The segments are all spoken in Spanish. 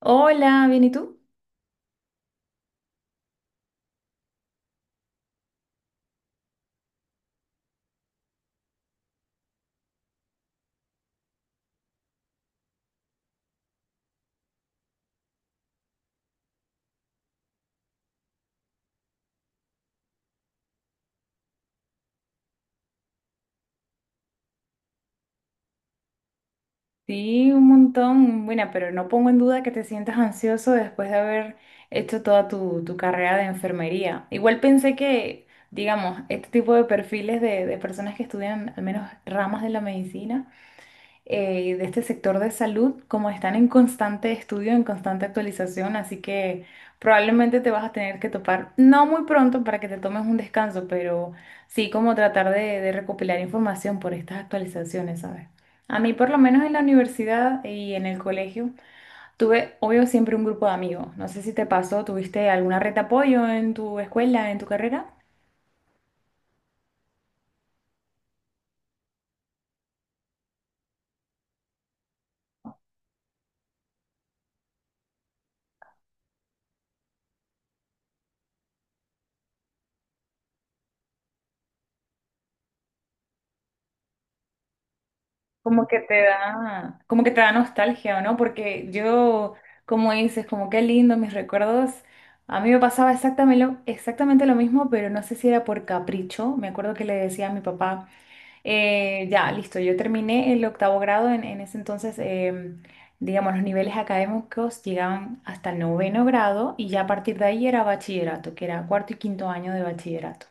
Hola, ¿bien y tú? Sí, un montón. Bueno, pero no pongo en duda que te sientas ansioso después de haber hecho toda tu carrera de enfermería. Igual pensé que, digamos, este tipo de perfiles de personas que estudian al menos ramas de la medicina de este sector de salud, como están en constante estudio, en constante actualización, así que probablemente te vas a tener que topar, no muy pronto para que te tomes un descanso, pero sí como tratar de recopilar información por estas actualizaciones, ¿sabes? A mí, por lo menos en la universidad y en el colegio, tuve, obvio, siempre un grupo de amigos. No sé si te pasó, ¿tuviste alguna red de apoyo en tu escuela, en tu carrera? Como que te da, como que te da nostalgia, ¿o no? Porque yo, como dices, como qué lindo mis recuerdos. A mí me pasaba exactamente lo mismo, pero no sé si era por capricho. Me acuerdo que le decía a mi papá, ya, listo, yo terminé el octavo grado en ese entonces, digamos, los niveles académicos llegaban hasta el noveno grado y ya a partir de ahí era bachillerato, que era cuarto y quinto año de bachillerato.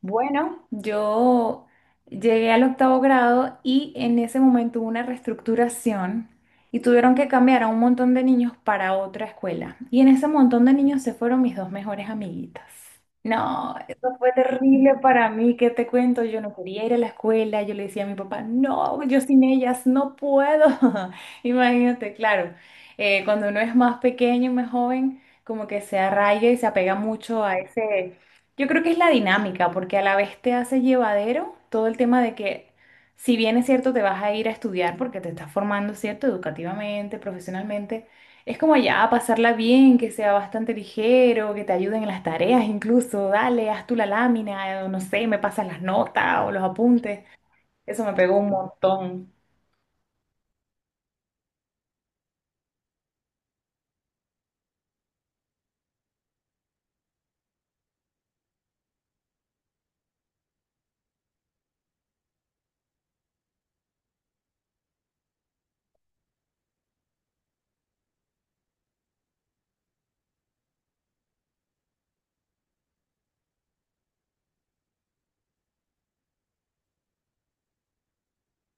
Bueno, yo llegué al octavo grado y en ese momento hubo una reestructuración y tuvieron que cambiar a un montón de niños para otra escuela. Y en ese montón de niños se fueron mis dos mejores amiguitas. No, eso fue terrible para mí, ¿qué te cuento? Yo no quería ir a la escuela, yo le decía a mi papá, no, yo sin ellas no puedo. Imagínate, claro, cuando uno es más pequeño, más joven, como que se arraiga y se apega mucho a ese, yo creo que es la dinámica, porque a la vez te hace llevadero todo el tema de que, si bien es cierto, te vas a ir a estudiar porque te estás formando, ¿cierto? Educativamente, profesionalmente, es como ya pasarla bien, que sea bastante ligero, que te ayuden en las tareas incluso, dale, haz tú la lámina, o no sé, me pasas las notas o los apuntes. Eso me pegó un montón.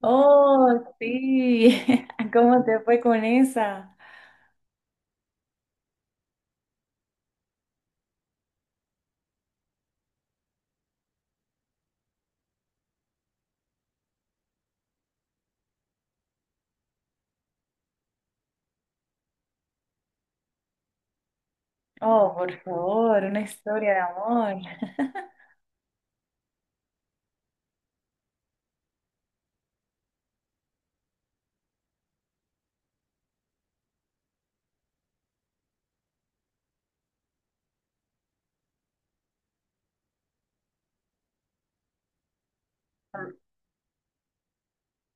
Oh, sí, ¿cómo te fue con esa? Oh, por favor, una historia de amor.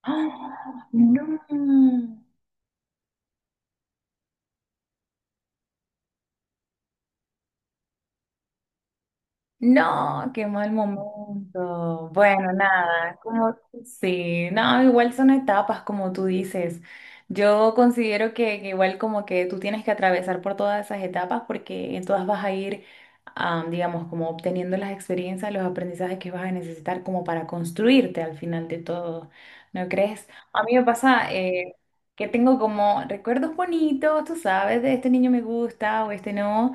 ¡Ah! No, no, qué mal momento. Bueno, nada, como sí, no, igual son etapas, como tú dices. Yo considero que igual como que tú tienes que atravesar por todas esas etapas porque en todas vas a ir, digamos, como obteniendo las experiencias, los aprendizajes que vas a necesitar como para construirte al final de todo, ¿no crees? A mí me pasa, que tengo como recuerdos bonitos, tú sabes, de este niño me gusta o este no.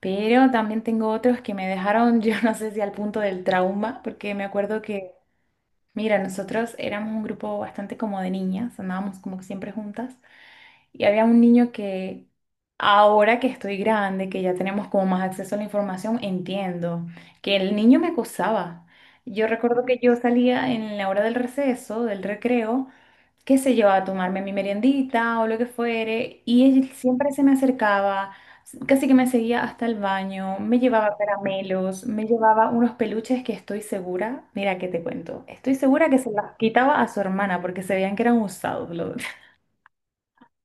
Pero también tengo otros que me dejaron, yo no sé si al punto del trauma, porque me acuerdo que, mira, nosotros éramos un grupo bastante como de niñas, andábamos como que siempre juntas, y había un niño que ahora que estoy grande, que ya tenemos como más acceso a la información, entiendo que el niño me acosaba. Yo recuerdo que yo salía en la hora del receso, del recreo, qué sé yo, a tomarme mi meriendita o lo que fuere, y él siempre se me acercaba, casi que me seguía hasta el baño, me llevaba caramelos, me llevaba unos peluches que estoy segura, mira que te cuento, estoy segura que se los quitaba a su hermana porque se veían que eran usados los,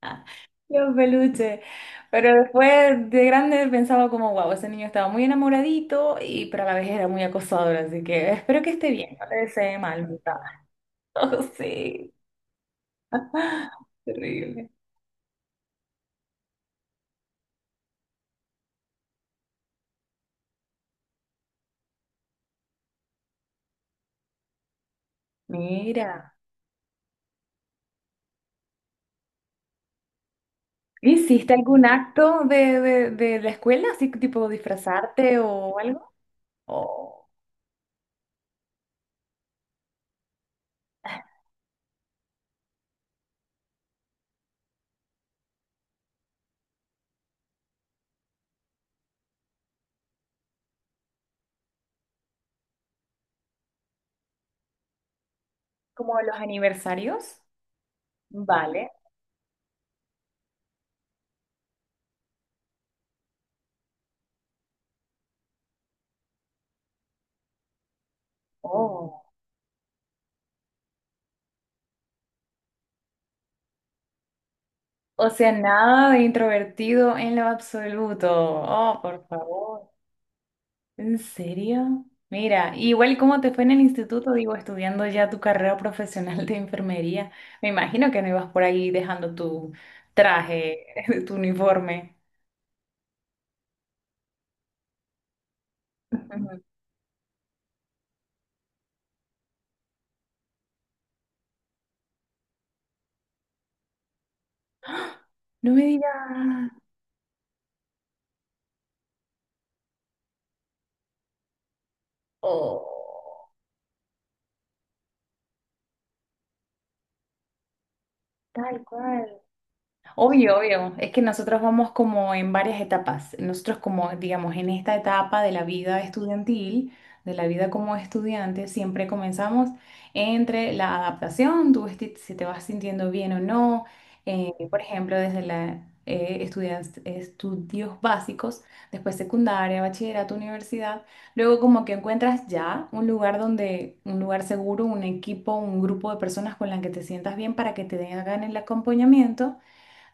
los peluches, pero después de grande pensaba como, wow, ese niño estaba muy enamoradito, y pero a la vez era muy acosador, así que espero que esté bien, no le desee mal, mi papá. Oh, sí, terrible. Mira, ¿hiciste algún acto de la escuela, así tipo disfrazarte o algo? ¿O como los aniversarios? Vale. Oh. O sea, nada de introvertido en lo absoluto. Oh, por favor. ¿En serio? Mira, igual cómo te fue en el instituto, digo, estudiando ya tu carrera profesional de enfermería. Me imagino que no ibas por ahí dejando tu traje, tu uniforme. Ujú. No me digas. Oh, tal cual. Obvio, obvio. Es que nosotros vamos como en varias etapas. Nosotros como, digamos, en esta etapa de la vida estudiantil, de la vida como estudiante, siempre comenzamos entre la adaptación, si te vas sintiendo bien o no. Por ejemplo, desde la, estudios básicos, después secundaria, bachillerato, universidad. Luego como que encuentras ya un lugar donde, un lugar seguro, un equipo, un grupo de personas con las que te sientas bien para que te hagan el acompañamiento.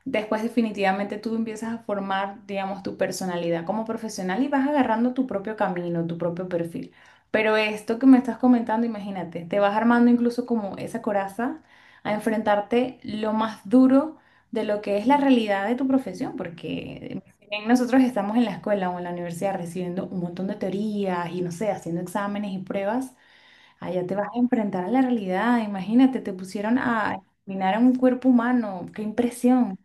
Después definitivamente tú empiezas a formar, digamos, tu personalidad como profesional y vas agarrando tu propio camino, tu propio perfil. Pero esto que me estás comentando, imagínate, te vas armando incluso como esa coraza a enfrentarte lo más duro de lo que es la realidad de tu profesión, porque si bien nosotros estamos en la escuela o en la universidad recibiendo un montón de teorías y no sé, haciendo exámenes y pruebas, allá te vas a enfrentar a la realidad. Imagínate, te pusieron a examinar a un cuerpo humano, qué impresión.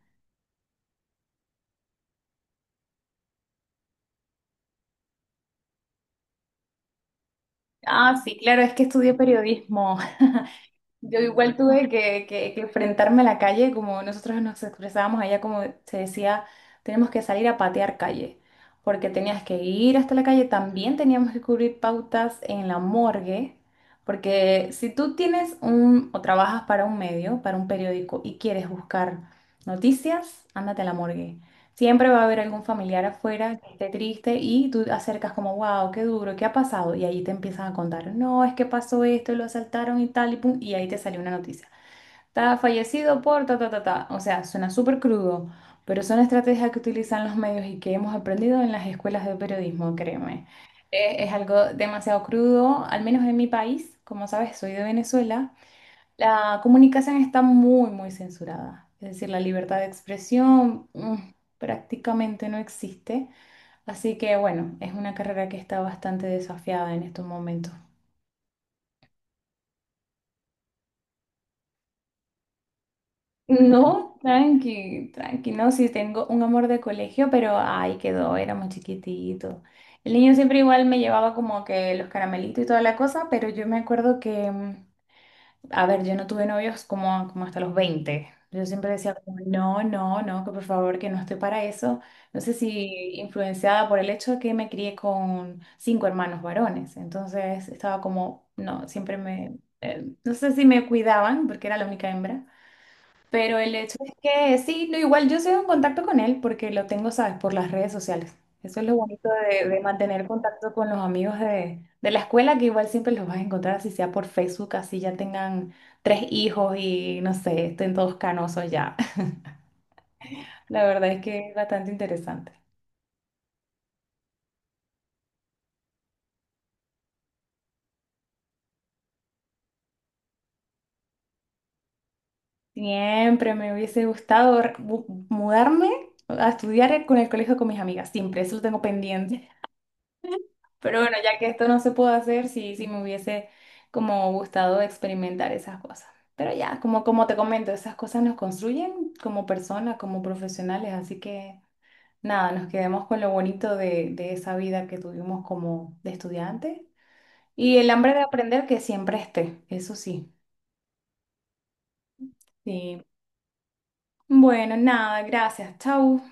Ah, sí, claro, es que estudié periodismo. Yo igual tuve que enfrentarme a la calle, como nosotros nos expresábamos allá, como se decía, tenemos que salir a patear calle, porque tenías que ir hasta la calle, también teníamos que cubrir pautas en la morgue, porque si tú tienes un, o trabajas para un medio, para un periódico, y quieres buscar noticias, ándate a la morgue. Siempre va a haber algún familiar afuera que esté triste y tú acercas como, wow, qué duro, qué ha pasado. Y ahí te empiezan a contar, no, es que pasó esto, lo asaltaron y tal, y pum, y ahí te salió una noticia. Está fallecido por ta, ta, ta, ta. O sea, suena súper crudo, pero son estrategias que utilizan los medios y que hemos aprendido en las escuelas de periodismo, créeme. Es, algo demasiado crudo, al menos en mi país. Como sabes, soy de Venezuela. La comunicación está muy censurada. Es decir, la libertad de expresión, prácticamente no existe. Así que bueno, es una carrera que está bastante desafiada en estos momentos. No, tranqui, tranqui, no, sí tengo un amor de colegio, pero ahí quedó, era muy chiquitito. El niño siempre igual me llevaba como que los caramelitos y toda la cosa, pero yo me acuerdo que. A ver, yo no tuve novios como, como hasta los 20. Yo siempre decía, como, no, no, no, que por favor, que no estoy para eso. No sé si influenciada por el hecho de que me crié con 5 hermanos varones. Entonces estaba como, no, siempre me, no sé si me cuidaban porque era la única hembra, pero el hecho es que sí, no, igual yo sigo en contacto con él porque lo tengo, ¿sabes? Por las redes sociales. Eso es lo bonito de mantener contacto con los amigos de la escuela, que igual siempre los vas a encontrar, así sea por Facebook, así ya tengan 3 hijos y no sé, estén todos canosos ya. La verdad es que es bastante interesante. Siempre me hubiese gustado mudarme a estudiar con el colegio con mis amigas, siempre, eso lo tengo pendiente. Pero bueno, ya que esto no se pudo hacer, sí, sí me hubiese como gustado experimentar esas cosas. Pero ya, como, como te comento, esas cosas nos construyen como personas, como profesionales, así que nada, nos quedemos con lo bonito de esa vida que tuvimos como de estudiante y el hambre de aprender que siempre esté, eso sí. Sí. Bueno, nada, gracias, chau.